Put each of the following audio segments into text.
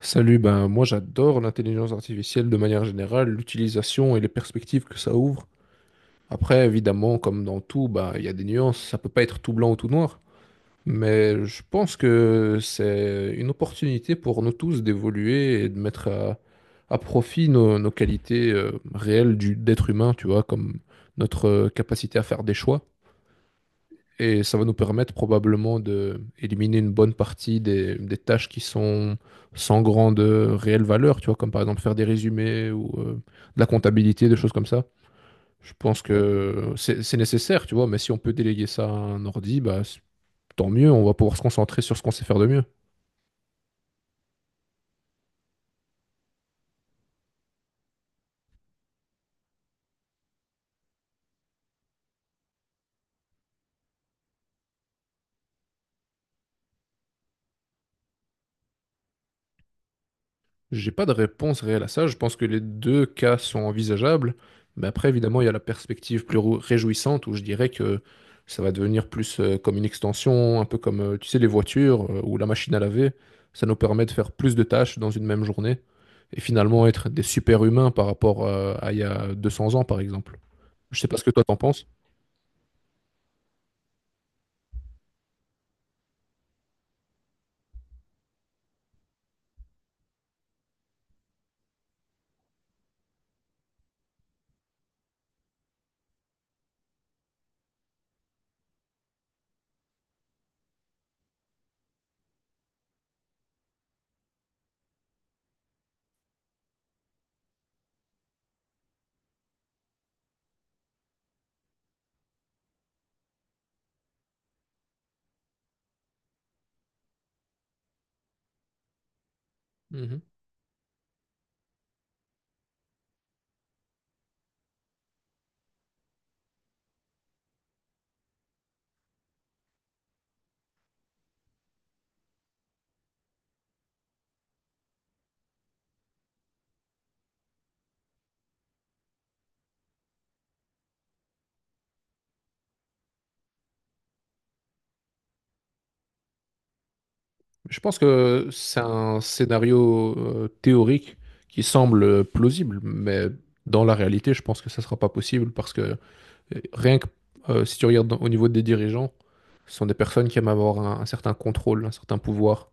Salut, ben moi j'adore l'intelligence artificielle de manière générale, l'utilisation et les perspectives que ça ouvre. Après, évidemment, comme dans tout, ben, il y a des nuances, ça peut pas être tout blanc ou tout noir, mais je pense que c'est une opportunité pour nous tous d'évoluer et de mettre à profit nos qualités réelles d'être humain, tu vois, comme notre capacité à faire des choix. Et ça va nous permettre probablement d'éliminer une bonne partie des tâches qui sont sans grande réelle valeur, tu vois, comme par exemple faire des résumés ou de la comptabilité, des choses comme ça. Je pense que c'est nécessaire, tu vois, mais si on peut déléguer ça à un ordi, bah, tant mieux, on va pouvoir se concentrer sur ce qu'on sait faire de mieux. J'ai pas de réponse réelle à ça. Je pense que les deux cas sont envisageables. Mais après, évidemment, il y a la perspective plus réjouissante où je dirais que ça va devenir plus comme une extension, un peu comme, tu sais, les voitures ou la machine à laver. Ça nous permet de faire plus de tâches dans une même journée et finalement être des super-humains par rapport à il y a 200 ans, par exemple. Je sais pas ce que toi t'en penses. Je pense que c'est un scénario théorique qui semble plausible, mais dans la réalité, je pense que ça ne sera pas possible parce que rien que si tu regardes au niveau des dirigeants, ce sont des personnes qui aiment avoir un certain contrôle, un certain pouvoir.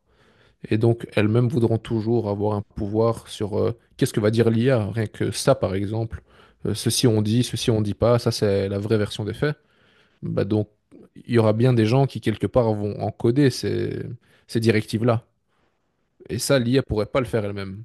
Et donc, elles-mêmes voudront toujours avoir un pouvoir sur qu'est-ce que va dire l'IA, rien que ça, par exemple. Ceci on dit, ceci on dit pas, ça c'est la vraie version des faits. Bah donc, il y aura bien des gens qui, quelque part, vont encoder ces directives-là. Et ça, l'IA pourrait pas le faire elle-même.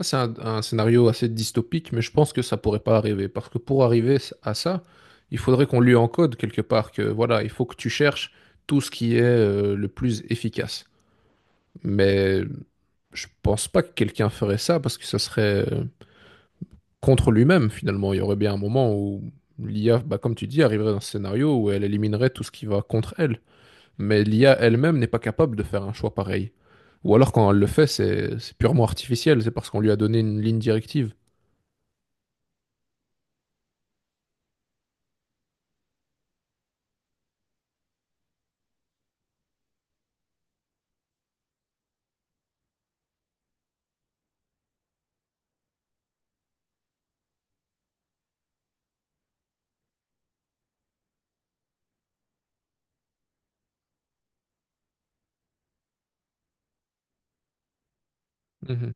C'est un scénario assez dystopique, mais je pense que ça pourrait pas arriver. Parce que pour arriver à ça, il faudrait qu'on lui encode quelque part que voilà, il faut que tu cherches tout ce qui est le plus efficace. Mais je pense pas que quelqu'un ferait ça parce que ça serait contre lui-même finalement. Il y aurait bien un moment où l'IA, bah, comme tu dis, arriverait dans ce scénario où elle éliminerait tout ce qui va contre elle. Mais l'IA elle-même n'est pas capable de faire un choix pareil. Ou alors quand elle le fait, c'est purement artificiel, c'est parce qu'on lui a donné une ligne directive. Mhm.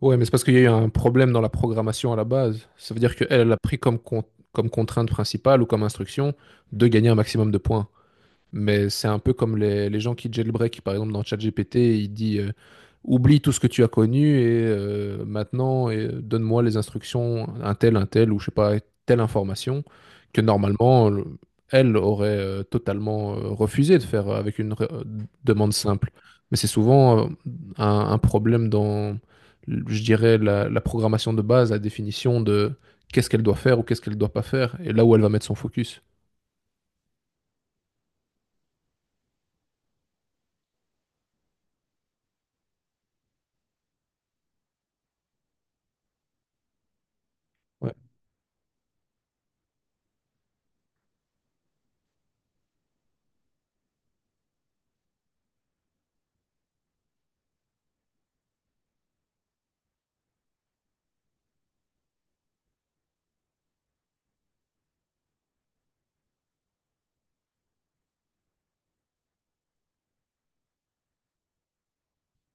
Ouais, mais c'est parce qu'il y a eu un problème dans la programmation à la base. Ça veut dire qu'elle a pris comme contrainte principale ou comme instruction de gagner un maximum de points. Mais c'est un peu comme les gens qui jailbreak, par exemple, dans ChatGPT, il dit oublie tout ce que tu as connu et maintenant donne-moi les instructions, un tel, ou je sais pas, telle information que normalement, elle aurait totalement refusé de faire avec une demande simple. Mais c'est souvent un problème dans, je dirais, la programmation de base, la définition de qu'est-ce qu'elle doit faire ou qu'est-ce qu'elle doit pas faire, et là où elle va mettre son focus. Ouais.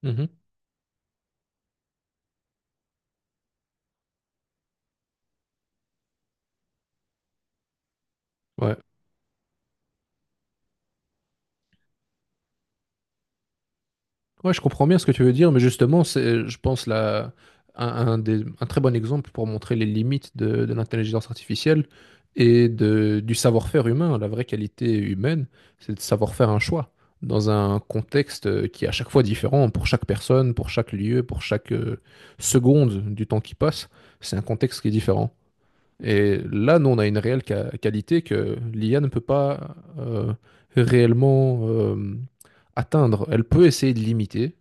Mhm. Ouais. Ouais, je comprends bien ce que tu veux dire, mais justement, c'est, je pense, là, un très bon exemple pour montrer les limites de l'intelligence artificielle et du savoir-faire humain. La vraie qualité humaine, c'est de savoir faire un choix dans un contexte qui est à chaque fois différent pour chaque personne, pour chaque lieu, pour chaque seconde du temps qui passe. C'est un contexte qui est différent. Et là, nous, on a une réelle qualité que l'IA ne peut pas réellement atteindre. Elle peut essayer de l'imiter,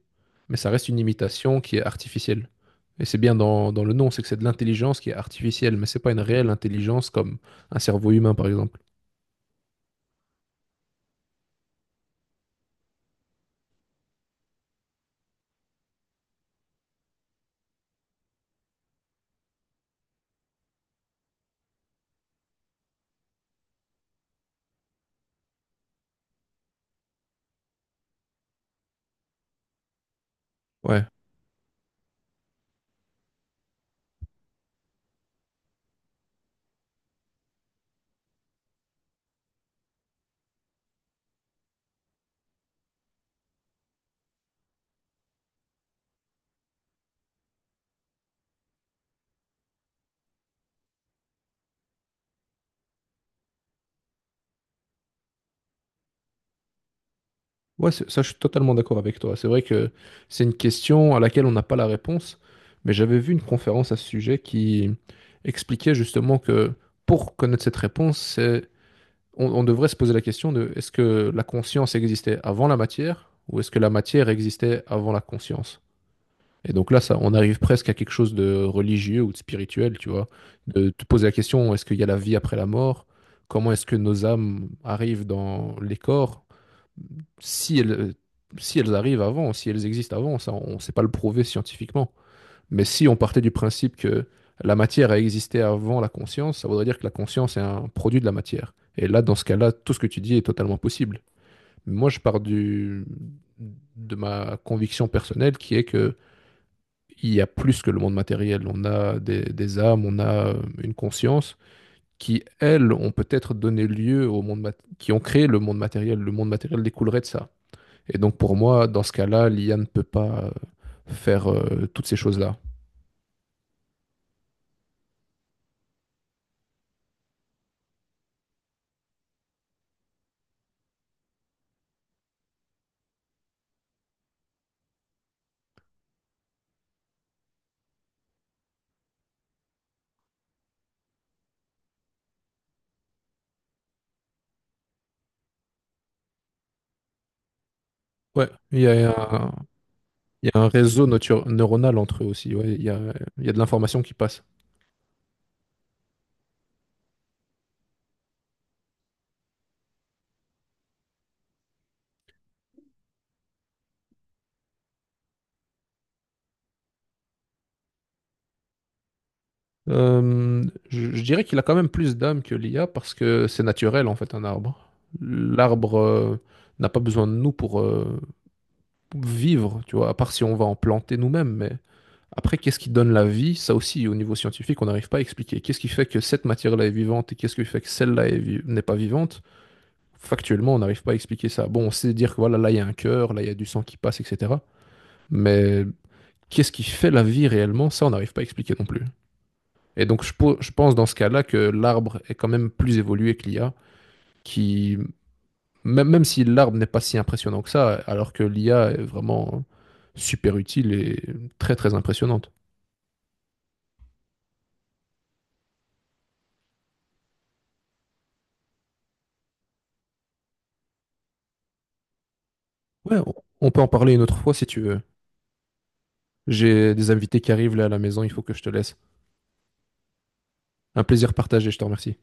mais ça reste une imitation qui est artificielle. Et c'est bien dans le nom, c'est que c'est de l'intelligence qui est artificielle, mais c'est pas une réelle intelligence comme un cerveau humain, par exemple. Ouais, ouais, ça, je suis totalement d'accord avec toi. C'est vrai que c'est une question à laquelle on n'a pas la réponse, mais j'avais vu une conférence à ce sujet qui expliquait justement que pour connaître cette réponse, on devrait se poser la question de est-ce que la conscience existait avant la matière ou est-ce que la matière existait avant la conscience? Et donc là, ça, on arrive presque à quelque chose de religieux ou de spirituel, tu vois, de te poser la question, est-ce qu'il y a la vie après la mort? Comment est-ce que nos âmes arrivent dans les corps? Si elles, si elles arrivent avant, si elles existent avant, ça, on ne sait pas le prouver scientifiquement. Mais si on partait du principe que la matière a existé avant la conscience, ça voudrait dire que la conscience est un produit de la matière. Et là, dans ce cas-là, tout ce que tu dis est totalement possible. Moi, je pars de ma conviction personnelle qui est que il y a plus que le monde matériel. On a des âmes, on a une conscience qui, elles, ont peut-être donné lieu au monde qui ont créé le monde matériel. Le monde matériel découlerait de ça. Et donc, pour moi, dans ce cas-là, l'IA ne peut pas faire toutes ces choses-là. Ouais, il y a un, Il y a un réseau neuronal entre eux aussi. Ouais, il y a de l'information qui passe. Je dirais qu'il a quand même plus d'âme que l'IA parce que c'est naturel en fait un arbre. L'arbre n'a pas besoin de nous pour vivre, tu vois, à part si on va en planter nous-mêmes. Mais après, qu'est-ce qui donne la vie? Ça aussi, au niveau scientifique, on n'arrive pas à expliquer. Qu'est-ce qui fait que cette matière-là est vivante et qu'est-ce qui fait que celle-là est n'est pas vivante? Factuellement, on n'arrive pas à expliquer ça. Bon, on sait dire que voilà, là il y a un cœur, là il y a du sang qui passe, etc. Mais qu'est-ce qui fait la vie réellement, ça, on n'arrive pas à expliquer non plus. Et donc, je pense dans ce cas-là que l'arbre est quand même plus évolué que l'I a, qui, même si l'arbre n'est pas si impressionnant que ça, alors que l'IA est vraiment super utile et très, très impressionnante. Ouais, on peut en parler une autre fois si tu veux. J'ai des invités qui arrivent là à la maison, il faut que je te laisse. Un plaisir partagé, je te remercie.